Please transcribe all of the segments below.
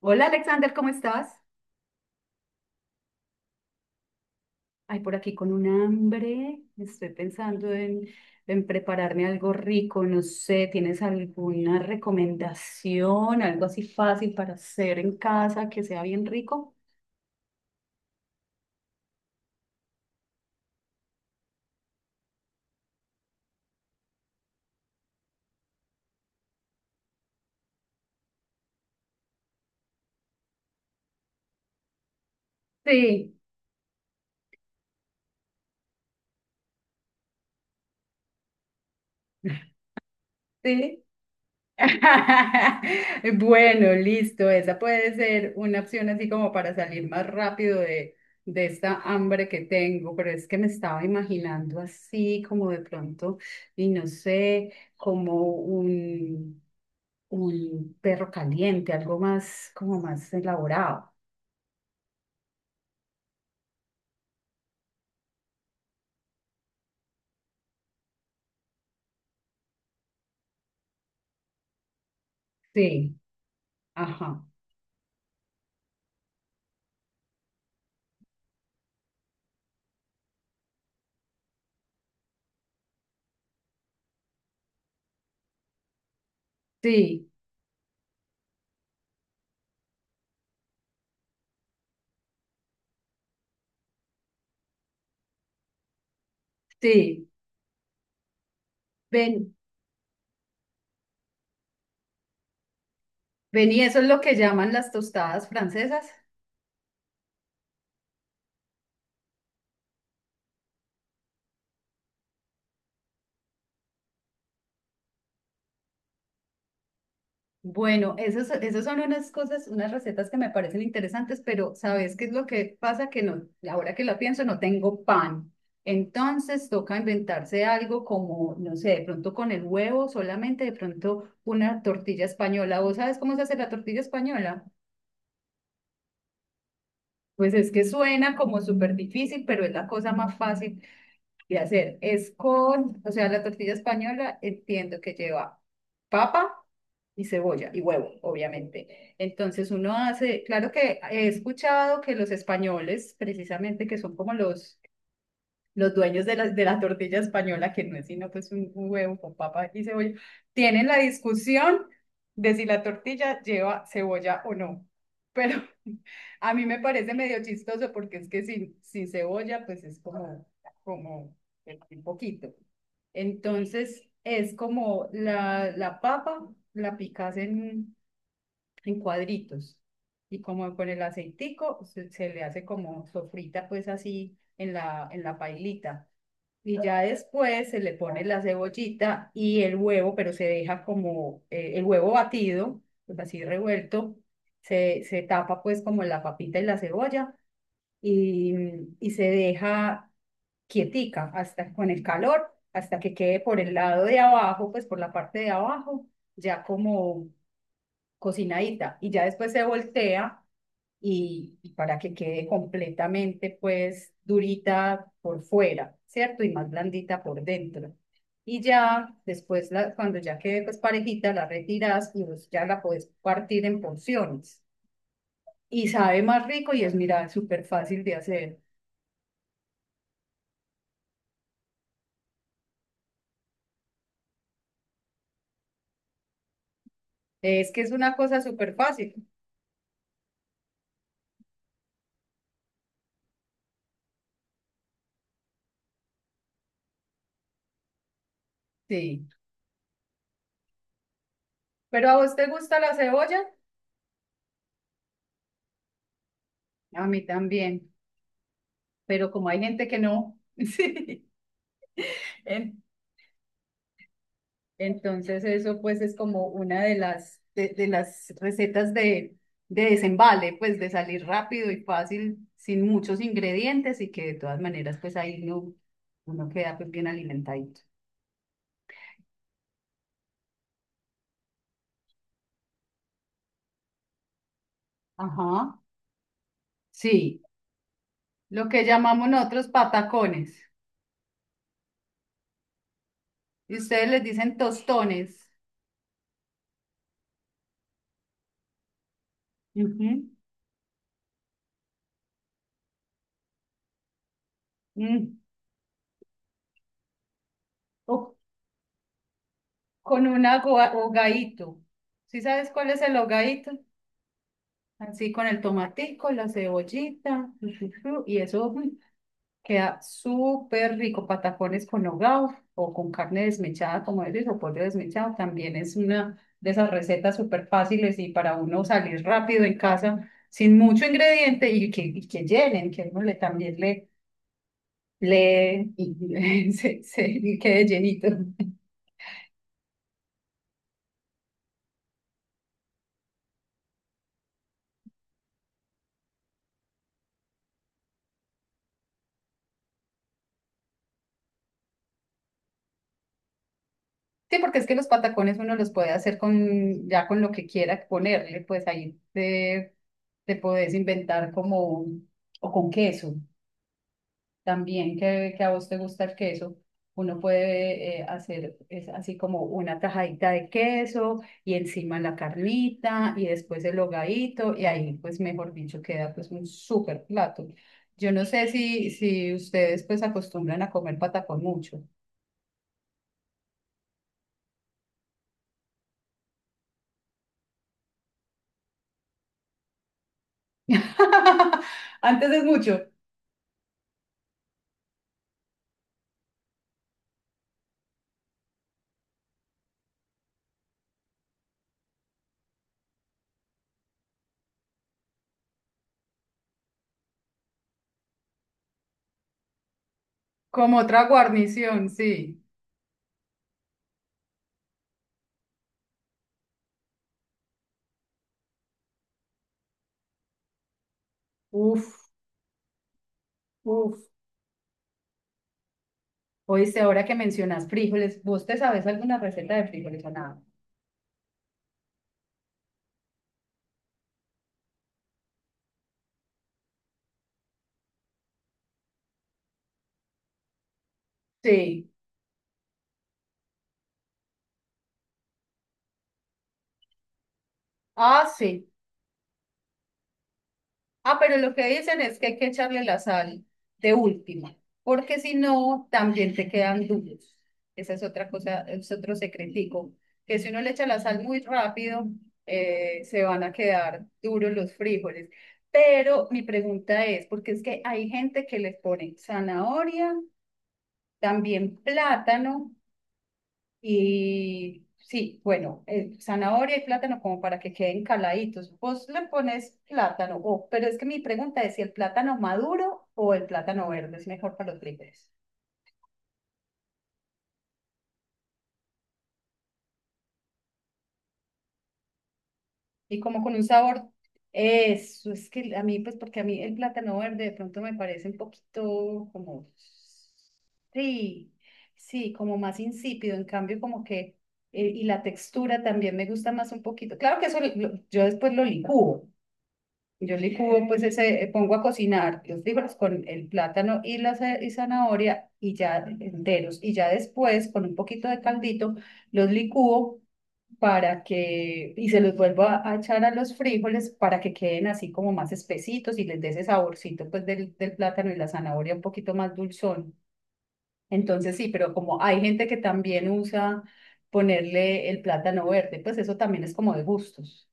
Hola Alexander, ¿cómo estás? Ay, por aquí con un hambre. Estoy pensando en prepararme algo rico. No sé, ¿tienes alguna recomendación? Algo así fácil para hacer en casa que sea bien rico. Sí, sí. Bueno, listo. Esa puede ser una opción así como para salir más rápido de esta hambre que tengo, pero es que me estaba imaginando así como de pronto, y no sé, como un perro caliente, algo más, como más elaborado. Sí, ajá. Sí, sí. Ven, ven, y eso es lo que llaman las tostadas francesas. Bueno, esas, esas son unas cosas, unas recetas que me parecen interesantes, pero ¿sabes qué es lo que pasa? Que no, ahora que lo pienso, no tengo pan. Entonces toca inventarse algo como, no sé, de pronto con el huevo, solamente de pronto una tortilla española. ¿Vos sabes cómo se hace la tortilla española? Pues es que suena como súper difícil, pero es la cosa más fácil de hacer es con, o sea, la tortilla española entiendo que lleva papa y cebolla y huevo, obviamente. Entonces uno hace, claro que he escuchado que los españoles, precisamente que son como los dueños de la tortilla española, que no es sino pues un huevo con papa y cebolla, tienen la discusión de si la tortilla lleva cebolla o no. Pero a mí me parece medio chistoso porque es que sin, sin cebolla pues es como, como un poquito. Entonces es como la papa la picas en cuadritos y como con el aceitico se, se le hace como sofrita pues así en la pailita. Y ya después se le pone la cebollita y el huevo, pero se deja como el huevo batido, pues así revuelto, se tapa pues como la papita y la cebolla y, y se deja quietica hasta con el calor, hasta que quede por el lado de abajo, pues por la parte de abajo, ya como cocinadita. Y ya después se voltea y para que quede completamente pues durita por fuera, ¿cierto? Y más blandita por dentro. Y ya después, la, cuando ya quede pues parejita, la retiras y pues, ya la puedes partir en porciones. Y sabe más rico y es, mira, súper fácil de hacer. Es que es una cosa súper fácil, sí. ¿Pero a vos te gusta la cebolla? A mí también, pero como hay gente que no, sí. En- Entonces eso pues es como una de las recetas de desembale, pues de salir rápido y fácil, sin muchos ingredientes y que de todas maneras pues ahí no, uno queda pues bien alimentadito. Ajá, sí, lo que llamamos nosotros patacones. Y ustedes les dicen tostones. Ujú. Mm. O con un hogadito. ¿Sí sabes cuál es el hogadito? Así con el tomatico, la cebollita, chu, chu, chu, y eso, mm, queda súper rico, patacones con nogao o con carne desmechada, como eres, o pollo desmechado. También es una de esas recetas súper fáciles y para uno salir rápido en casa sin mucho ingrediente y que llenen, que uno le también le y, se, y quede llenito. Sí, porque es que los patacones uno los puede hacer con ya con lo que quiera ponerle, pues ahí te, te puedes inventar como o con queso. También que a vos te gusta el queso, uno puede hacer es así como una tajadita de queso y encima la carnita y después el hogadito y ahí pues mejor dicho queda pues un súper plato. Yo no sé si, si ustedes pues acostumbran a comer patacón mucho. Antes es mucho, como otra guarnición, sí. Uf, uf. Oíste, ahora que mencionas frijoles, ¿vos te sabes alguna receta de frijoles o nada? Sí. Ah, sí. Ah, pero lo que dicen es que hay que echarle la sal de última, porque si no, también te quedan duros. Esa es otra cosa, es otro secretico, que si uno le echa la sal muy rápido, se van a quedar duros los frijoles. Pero mi pregunta es, porque es que hay gente que les pone zanahoria, también plátano y sí, bueno, zanahoria y plátano como para que queden caladitos. Vos le pones plátano, pero es que mi pregunta es si el plátano maduro o el plátano verde es mejor para los frijoles. Y como con un sabor, eso, es que a mí, pues porque a mí el plátano verde de pronto me parece un poquito como, sí, sí, como más insípido, en cambio como que, y la textura también me gusta más un poquito. Claro que eso yo después lo licúo. Yo licúo, pues ese, pongo a cocinar los frijoles con el plátano y la y zanahoria y ya enteros. Y ya después, con un poquito de caldito, los licúo para que, y se los vuelvo a echar a los frijoles para que queden así como más espesitos y les dé ese saborcito pues del, del plátano y la zanahoria un poquito más dulzón. Entonces sí, pero como hay gente que también usa ponerle el plátano verde, pues eso también es como de gustos.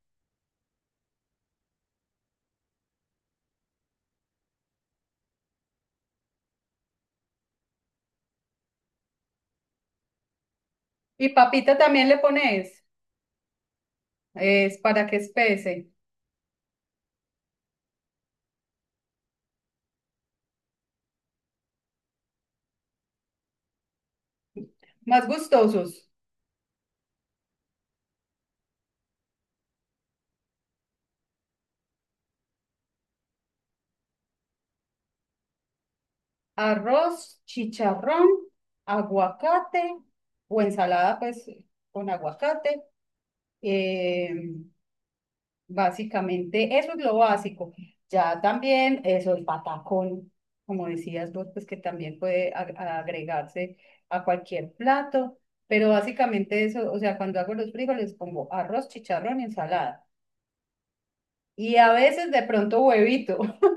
Y papita también le pones. Es para que espese. Más gustosos. Arroz, chicharrón, aguacate o ensalada pues con aguacate. Eh, básicamente eso es lo básico. Ya también eso, el patacón, como decías vos, pues que también puede agregarse a cualquier plato. Pero básicamente eso, o sea, cuando hago los frijoles pongo arroz, chicharrón y ensalada. Y a veces de pronto huevito.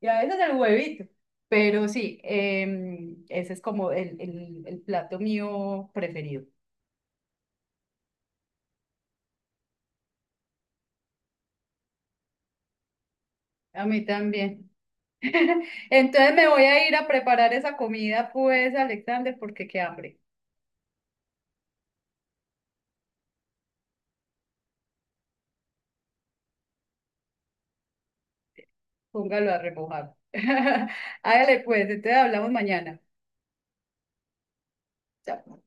Y a veces el huevito. Pero sí, ese es como el plato mío preferido. A mí también. Entonces me voy a ir a preparar esa comida, pues, Alexander, porque qué hambre. Póngalo a remojar. Hágale pues, entonces hablamos mañana. Chao.